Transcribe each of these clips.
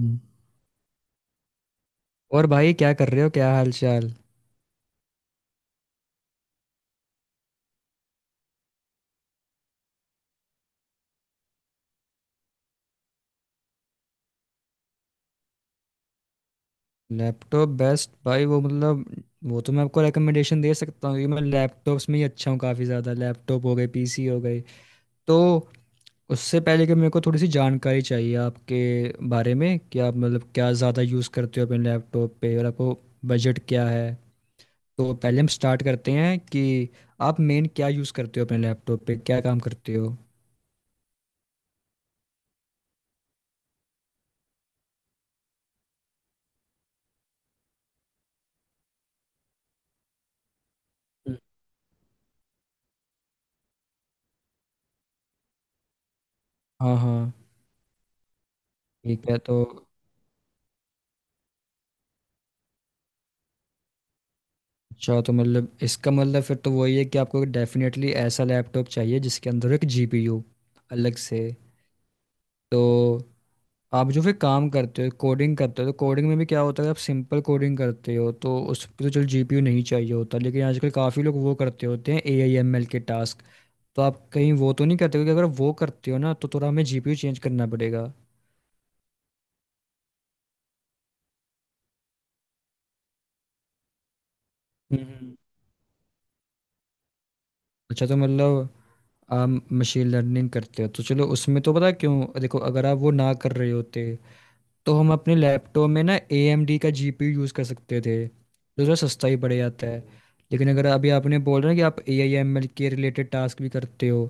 हम्म। और भाई क्या कर रहे हो? क्या हाल चाल? लैपटॉप बेस्ट भाई वो मतलब वो तो मैं आपको रिकमेंडेशन दे सकता हूँ क्योंकि मैं लैपटॉप्स में ही अच्छा हूँ। काफ़ी ज़्यादा लैपटॉप हो गए, पीसी हो गए। तो उससे पहले कि मेरे को थोड़ी सी जानकारी चाहिए आपके बारे में कि आप मतलब क्या ज़्यादा यूज़ करते हो अपने लैपटॉप पे, और आपको बजट क्या है। तो पहले हम स्टार्ट करते हैं कि आप मेन क्या यूज़ करते हो अपने लैपटॉप पे, क्या काम करते हो। हम्म। हाँ हाँ। ठीक है तो, अच्छा तो मतलब इसका मतलब फिर तो वही है कि आपको डेफिनेटली ऐसा लैपटॉप चाहिए जिसके अंदर एक जीपीयू अलग से। तो आप जो फिर काम करते हो, कोडिंग करते हो, तो कोडिंग में भी क्या होता है, आप सिंपल कोडिंग करते हो तो उस पर तो चलो जीपीयू नहीं चाहिए होता, लेकिन आजकल काफ़ी लोग वो करते होते हैं ए आई एम एल के टास्क। तो आप कहीं वो तो नहीं करते? क्योंकि अगर वो करते हो ना तो थोड़ा हमें जीपीयू चेंज करना पड़ेगा। हम्म। अच्छा तो मतलब आप मशीन लर्निंग करते हो, तो चलो उसमें तो पता है क्यों, देखो अगर आप वो ना कर रहे होते तो हम अपने लैपटॉप में ना ए एम डी का जी पी यू यूज़ कर सकते थे, जो थोड़ा सस्ता ही पड़ जाता है। लेकिन अगर अभी आपने बोल रहे हैं कि आप ए आई एम एल के रिलेटेड टास्क भी करते हो,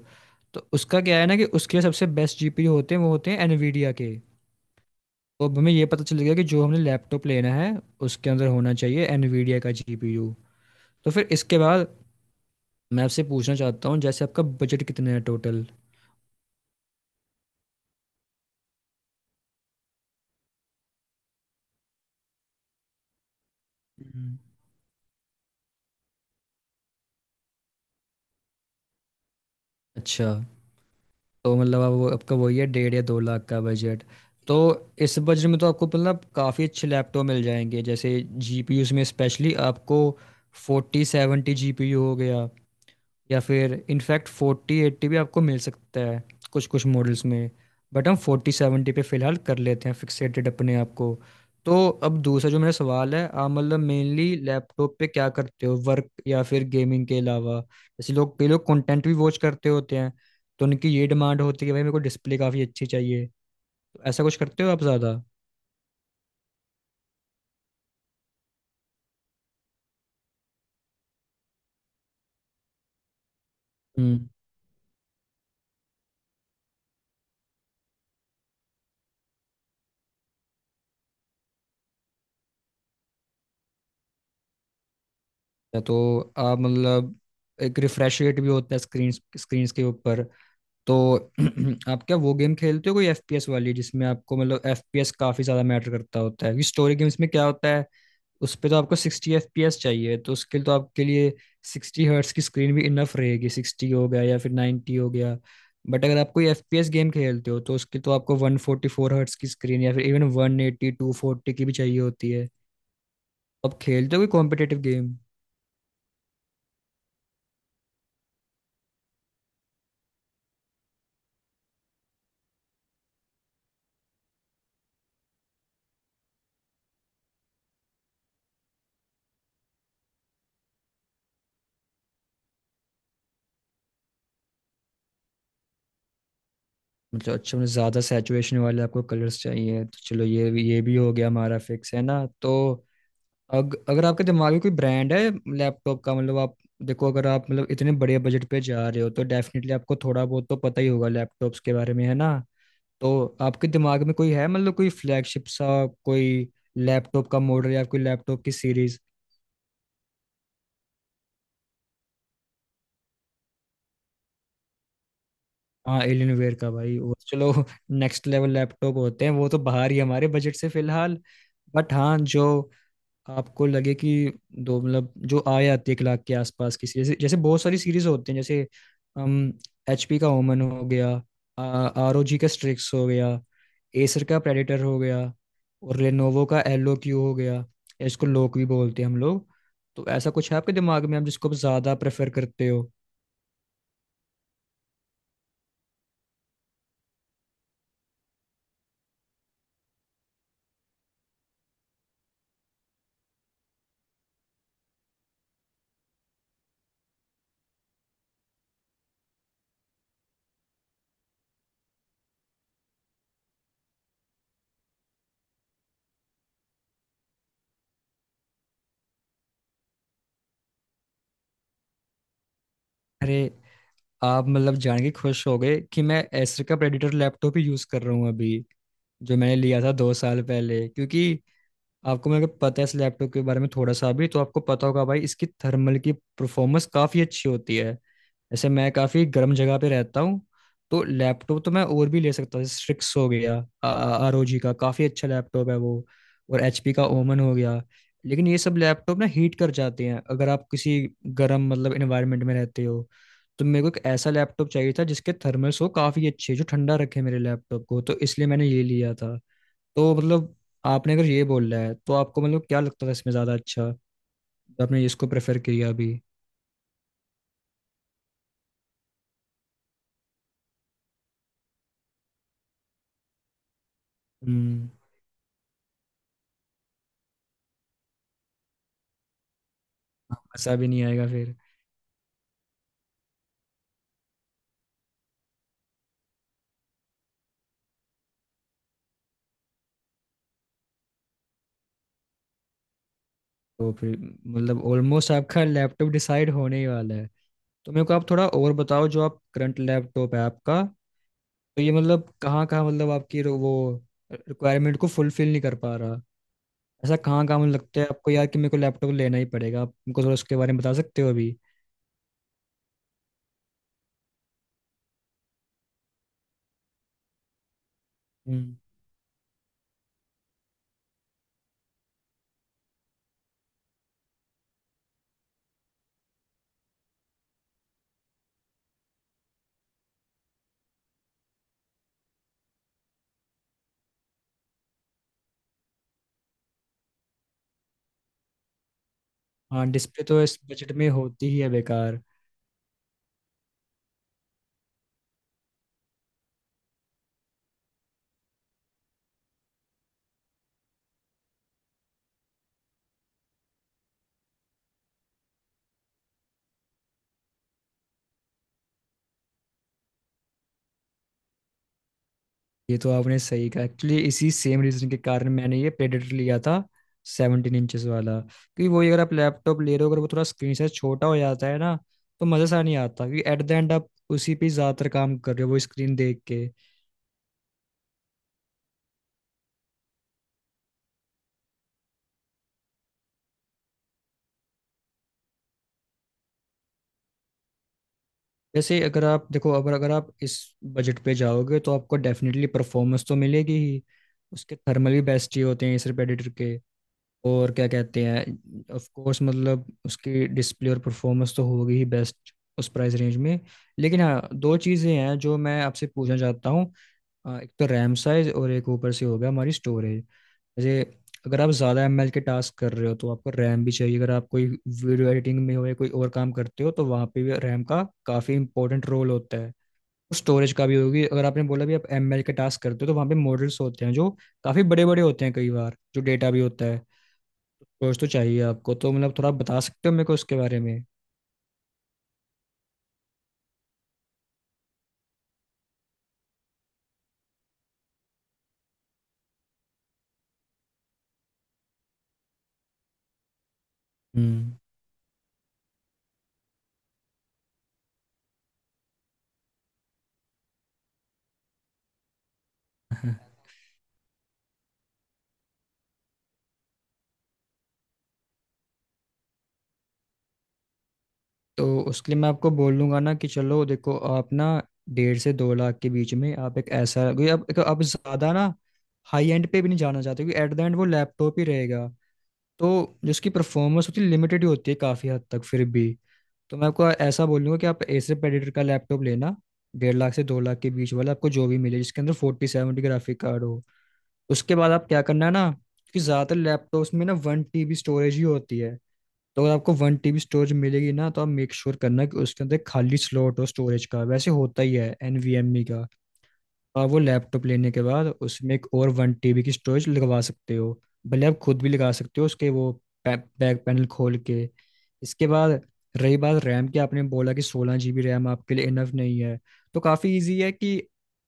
तो उसका क्या है ना कि उसके लिए सबसे बेस्ट जी पी यू होते हैं वो होते हैं एनवीडिया के। तो अब हमें ये पता चल गया कि जो हमने लैपटॉप लेना है उसके अंदर होना चाहिए एनवीडिया का जी पी यू। तो फिर इसके बाद मैं आपसे पूछना चाहता हूँ, जैसे आपका बजट कितना है टोटल? हम्म। अच्छा तो मतलब अब वो आपका वही है, डेढ़ या दो लाख का बजट। तो इस बजट में तो आपको मतलब काफ़ी अच्छे लैपटॉप मिल जाएंगे, जैसे जीपीयू में स्पेशली आपको फोर्टी सेवेंटी जीपीयू हो गया, या फिर इनफैक्ट फोर्टी एट्टी भी आपको मिल सकता है कुछ कुछ मॉडल्स में। बट हम फोर्टी सेवेंटी पे फिलहाल कर लेते हैं, फिक्सेटेड अपने आप को। तो अब दूसरा जो मेरा सवाल है, आप मतलब मेनली लैपटॉप पे क्या करते हो, वर्क या फिर गेमिंग के अलावा? जैसे लोग, कई लोग कंटेंट भी वॉच करते होते हैं, तो उनकी ये डिमांड होती है कि भाई मेरे को डिस्प्ले काफ़ी अच्छी चाहिए। तो ऐसा कुछ करते हो आप ज़्यादा? हम्म। या तो आप मतलब, एक रिफ्रेश रेट भी होता है स्क्रीन स्क्रीन के ऊपर। तो आप क्या वो गेम खेलते हो कोई एफपीएस वाली, जिसमें आपको मतलब एफपीएस काफी ज्यादा मैटर करता होता है? क्योंकि स्टोरी गेम्स में क्या होता है, उस पे तो आपको सिक्सटी एफपीएस चाहिए, तो उसके लिए तो आपके लिए सिक्सटी हर्ट्स की स्क्रीन भी इनफ रहेगी, सिक्सटी हो गया या फिर 90 हो गया। बट अगर आप कोई एफपीएस गेम खेलते हो तो उसके तो आपको वन फोर्टी फोर हर्ट्स की स्क्रीन या फिर even one eighty two forty की भी चाहिए होती है। आप खेलते हो कोई कॉम्पिटेटिव गेम? मतलब अच्छा, मतलब ज्यादा सैचुरेशन वाले आपको कलर्स चाहिए, तो चलो ये भी, ये भी हो गया हमारा फिक्स है ना। तो अगर आपके दिमाग में कोई ब्रांड है लैपटॉप का, मतलब आप, देखो अगर आप मतलब इतने बड़े बजट पे जा रहे हो तो डेफिनेटली आपको थोड़ा बहुत तो पता ही होगा लैपटॉप्स के बारे में, है ना? तो आपके दिमाग में कोई है मतलब कोई फ्लैगशिप सा कोई लैपटॉप का मॉडल या कोई लैपटॉप की सीरीज? हाँ एलियन वेयर का भाई वो, चलो नेक्स्ट लेवल लैपटॉप होते हैं वो, तो बाहर ही हमारे बजट से फिलहाल। बट हाँ जो आपको लगे कि दो, मतलब जो आए, आती है एक लाख के आसपास की सीरीज, जैसे बहुत सारी सीरीज होती हैं, जैसे हम एचपी का ओमन हो गया, आरओजी का स्ट्रिक्स हो गया, एसर का प्रेडेटर हो गया, और लेनोवो का एलओक्यू हो गया। इसको लोक भी बोलते हैं हम लोग। तो ऐसा कुछ है आपके दिमाग में, आप जिसको आप ज्यादा प्रेफर करते हो? अरे, आप मतलब जान के खुश हो गए कि मैं एसर का प्रेडेटर लैपटॉप ही यूज कर रहा हूँ अभी, जो मैंने लिया था दो साल पहले। क्योंकि आपको, मेरे को पता है, इस लैपटॉप के बारे में थोड़ा सा भी तो आपको पता होगा भाई, इसकी थर्मल की परफॉर्मेंस काफ़ी अच्छी होती है। जैसे मैं काफ़ी गर्म जगह पे रहता हूँ, तो लैपटॉप तो मैं और भी ले सकता हूँ, जैसे स्ट्रिक्स हो गया, आर ओ जी का काफ़ी अच्छा लैपटॉप है वो, और एच पी का ओमन हो गया, लेकिन ये सब लैपटॉप ना हीट कर जाते हैं अगर आप किसी गर्म मतलब इन्वायरमेंट में रहते हो। तो मेरे को एक ऐसा लैपटॉप चाहिए था जिसके थर्मल्स हो काफ़ी अच्छे, जो ठंडा रखे मेरे लैपटॉप को, तो इसलिए मैंने ये लिया था। तो मतलब आपने अगर ये बोला है तो आपको मतलब क्या लगता था इसमें ज़्यादा अच्छा, तो आपने इसको प्रेफर किया अभी? हम्म। हाँ, मज़ा भी नहीं आएगा फिर। तो फिर मतलब ऑलमोस्ट आपका लैपटॉप डिसाइड होने ही वाला है। तो मेरे को आप थोड़ा और बताओ, जो आप करंट लैपटॉप है आपका, तो ये मतलब कहाँ कहाँ मतलब आपकी वो रिक्वायरमेंट को फुलफिल नहीं कर पा रहा? ऐसा कहाँ कहाँ मतलब लगता है आपको यार कि मेरे को लैपटॉप लेना ही पड़ेगा? आप हमको थोड़ा उसके बारे में बता सकते हो अभी? हम्म। हाँ डिस्प्ले तो इस बजट में होती ही है बेकार। ये तो आपने सही कहा, एक्चुअली इसी सेम रीजन के कारण मैंने ये प्रेडेटर लिया था, सेवनटीन इंचेस वाला। क्योंकि वही, अगर आप लैपटॉप ले रहे हो, अगर वो थोड़ा स्क्रीन साइज छोटा हो जाता है ना तो मज़े सा नहीं आता, क्योंकि एट द एंड आप उसी पे ज़्यादातर काम कर रहे हो वो स्क्रीन देख के। वैसे अगर आप देखो, अगर अगर आप इस बजट पे जाओगे तो आपको डेफिनेटली परफॉर्मेंस तो मिलेगी ही, उसके थर्मल भी बेस्ट ही होते हैं इस प्रेडेटर के, और क्या कहते हैं, ऑफ कोर्स मतलब उसकी डिस्प्ले और परफॉर्मेंस तो होगी ही बेस्ट उस प्राइस रेंज में। लेकिन हाँ दो चीज़ें हैं जो मैं आपसे पूछना चाहता हूँ। एक तो रैम साइज, और एक ऊपर से होगा हमारी स्टोरेज। जैसे अगर आप ज़्यादा एम एल के टास्क कर रहे हो तो आपको रैम भी चाहिए, अगर आप कोई वीडियो एडिटिंग में हो या कोई और काम करते हो तो वहाँ पे भी रैम का काफ़ी इंपॉर्टेंट रोल होता है। स्टोरेज का भी होगी, अगर आपने बोला भी आप एम एल के टास्क करते हो, तो वहाँ पे मॉडल्स होते हैं जो काफ़ी बड़े बड़े होते हैं, कई बार जो डेटा भी होता है। कोर्स तो चाहिए आपको, तो मतलब थोड़ा बता सकते हो मेरे को उसके बारे में? हम्म। तो उसके लिए मैं आपको बोल दूंगा ना कि चलो देखो, आप ना डेढ़ से दो लाख के बीच में आप एक ऐसा, क्योंकि आप एक- आप ज़्यादा ना हाई एंड पे भी नहीं जाना चाहते, क्योंकि एट द एंड वो लैपटॉप ही रहेगा, तो जो उसकी परफॉर्मेंस होती है लिमिटेड ही होती है काफ़ी हद तक फिर भी। तो मैं आपको ऐसा बोलूँगा कि आप एसर प्रेडिटर का लैपटॉप लेना, डेढ़ लाख से दो लाख के बीच वाला, आपको जो भी मिले जिसके अंदर फोर्टी सेवेंटी ग्राफिक कार्ड हो। उसके बाद आप क्या करना है ना, क्योंकि ज्यादातर लैपटॉप्स में ना वन टीबी स्टोरेज ही होती है, तो अगर आपको वन टीबी स्टोरेज मिलेगी ना तो आप मेक श्योर करना कि उसके अंदर खाली स्लॉट हो स्टोरेज का, वैसे होता ही है एनवीएमई का। आप वो लैपटॉप लेने के बाद उसमें एक और वन टीबी की स्टोरेज लगवा सकते हो, भले आप खुद भी लगा सकते हो उसके वो बैक पैनल खोल के। इसके बाद रही बात रैम की, आपने बोला कि सोलह जीबी रैम आपके लिए इनफ नहीं है, तो काफ़ी इजी है कि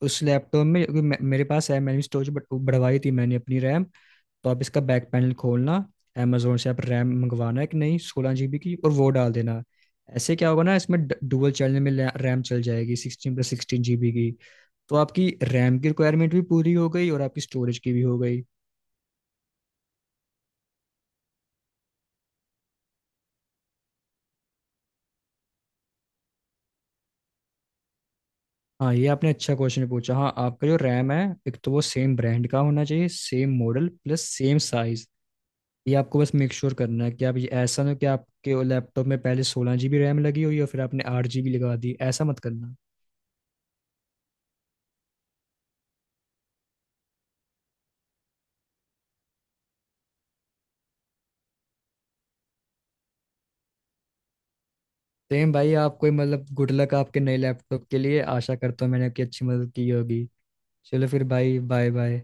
उस लैपटॉप में, क्योंकि मेरे पास है, मैंने स्टोरेज बढ़वाई थी, मैंने अपनी रैम। तो आप इसका बैक पैनल खोलना, अमेजोन से आप रैम मंगवाना एक नई सोलह जीबी की और वो डाल देना। ऐसे क्या होगा ना, इसमें डुअल चैनल में रैम चल जाएगी सिक्सटीन प्लस सिक्सटीन जीबी की। तो आपकी रैम की रिक्वायरमेंट भी पूरी हो गई और आपकी स्टोरेज की भी हो गई। हाँ ये आपने अच्छा क्वेश्चन पूछा। हाँ आपका जो रैम है, एक तो वो सेम ब्रांड का होना चाहिए, same model plus same size. ये आपको बस मेक श्योर करना है कि आप, ये ऐसा ना हो कि आपके लैपटॉप में पहले सोलह जीबी रैम लगी हुई और फिर आपने आठ जीबी लगा दी, ऐसा मत करना। सेम भाई, आपको ही, मतलब गुड लक आपके नए लैपटॉप के लिए, आशा करता हूँ मैंने आपकी अच्छी मदद की होगी। चलो फिर भाई, बाय बाय।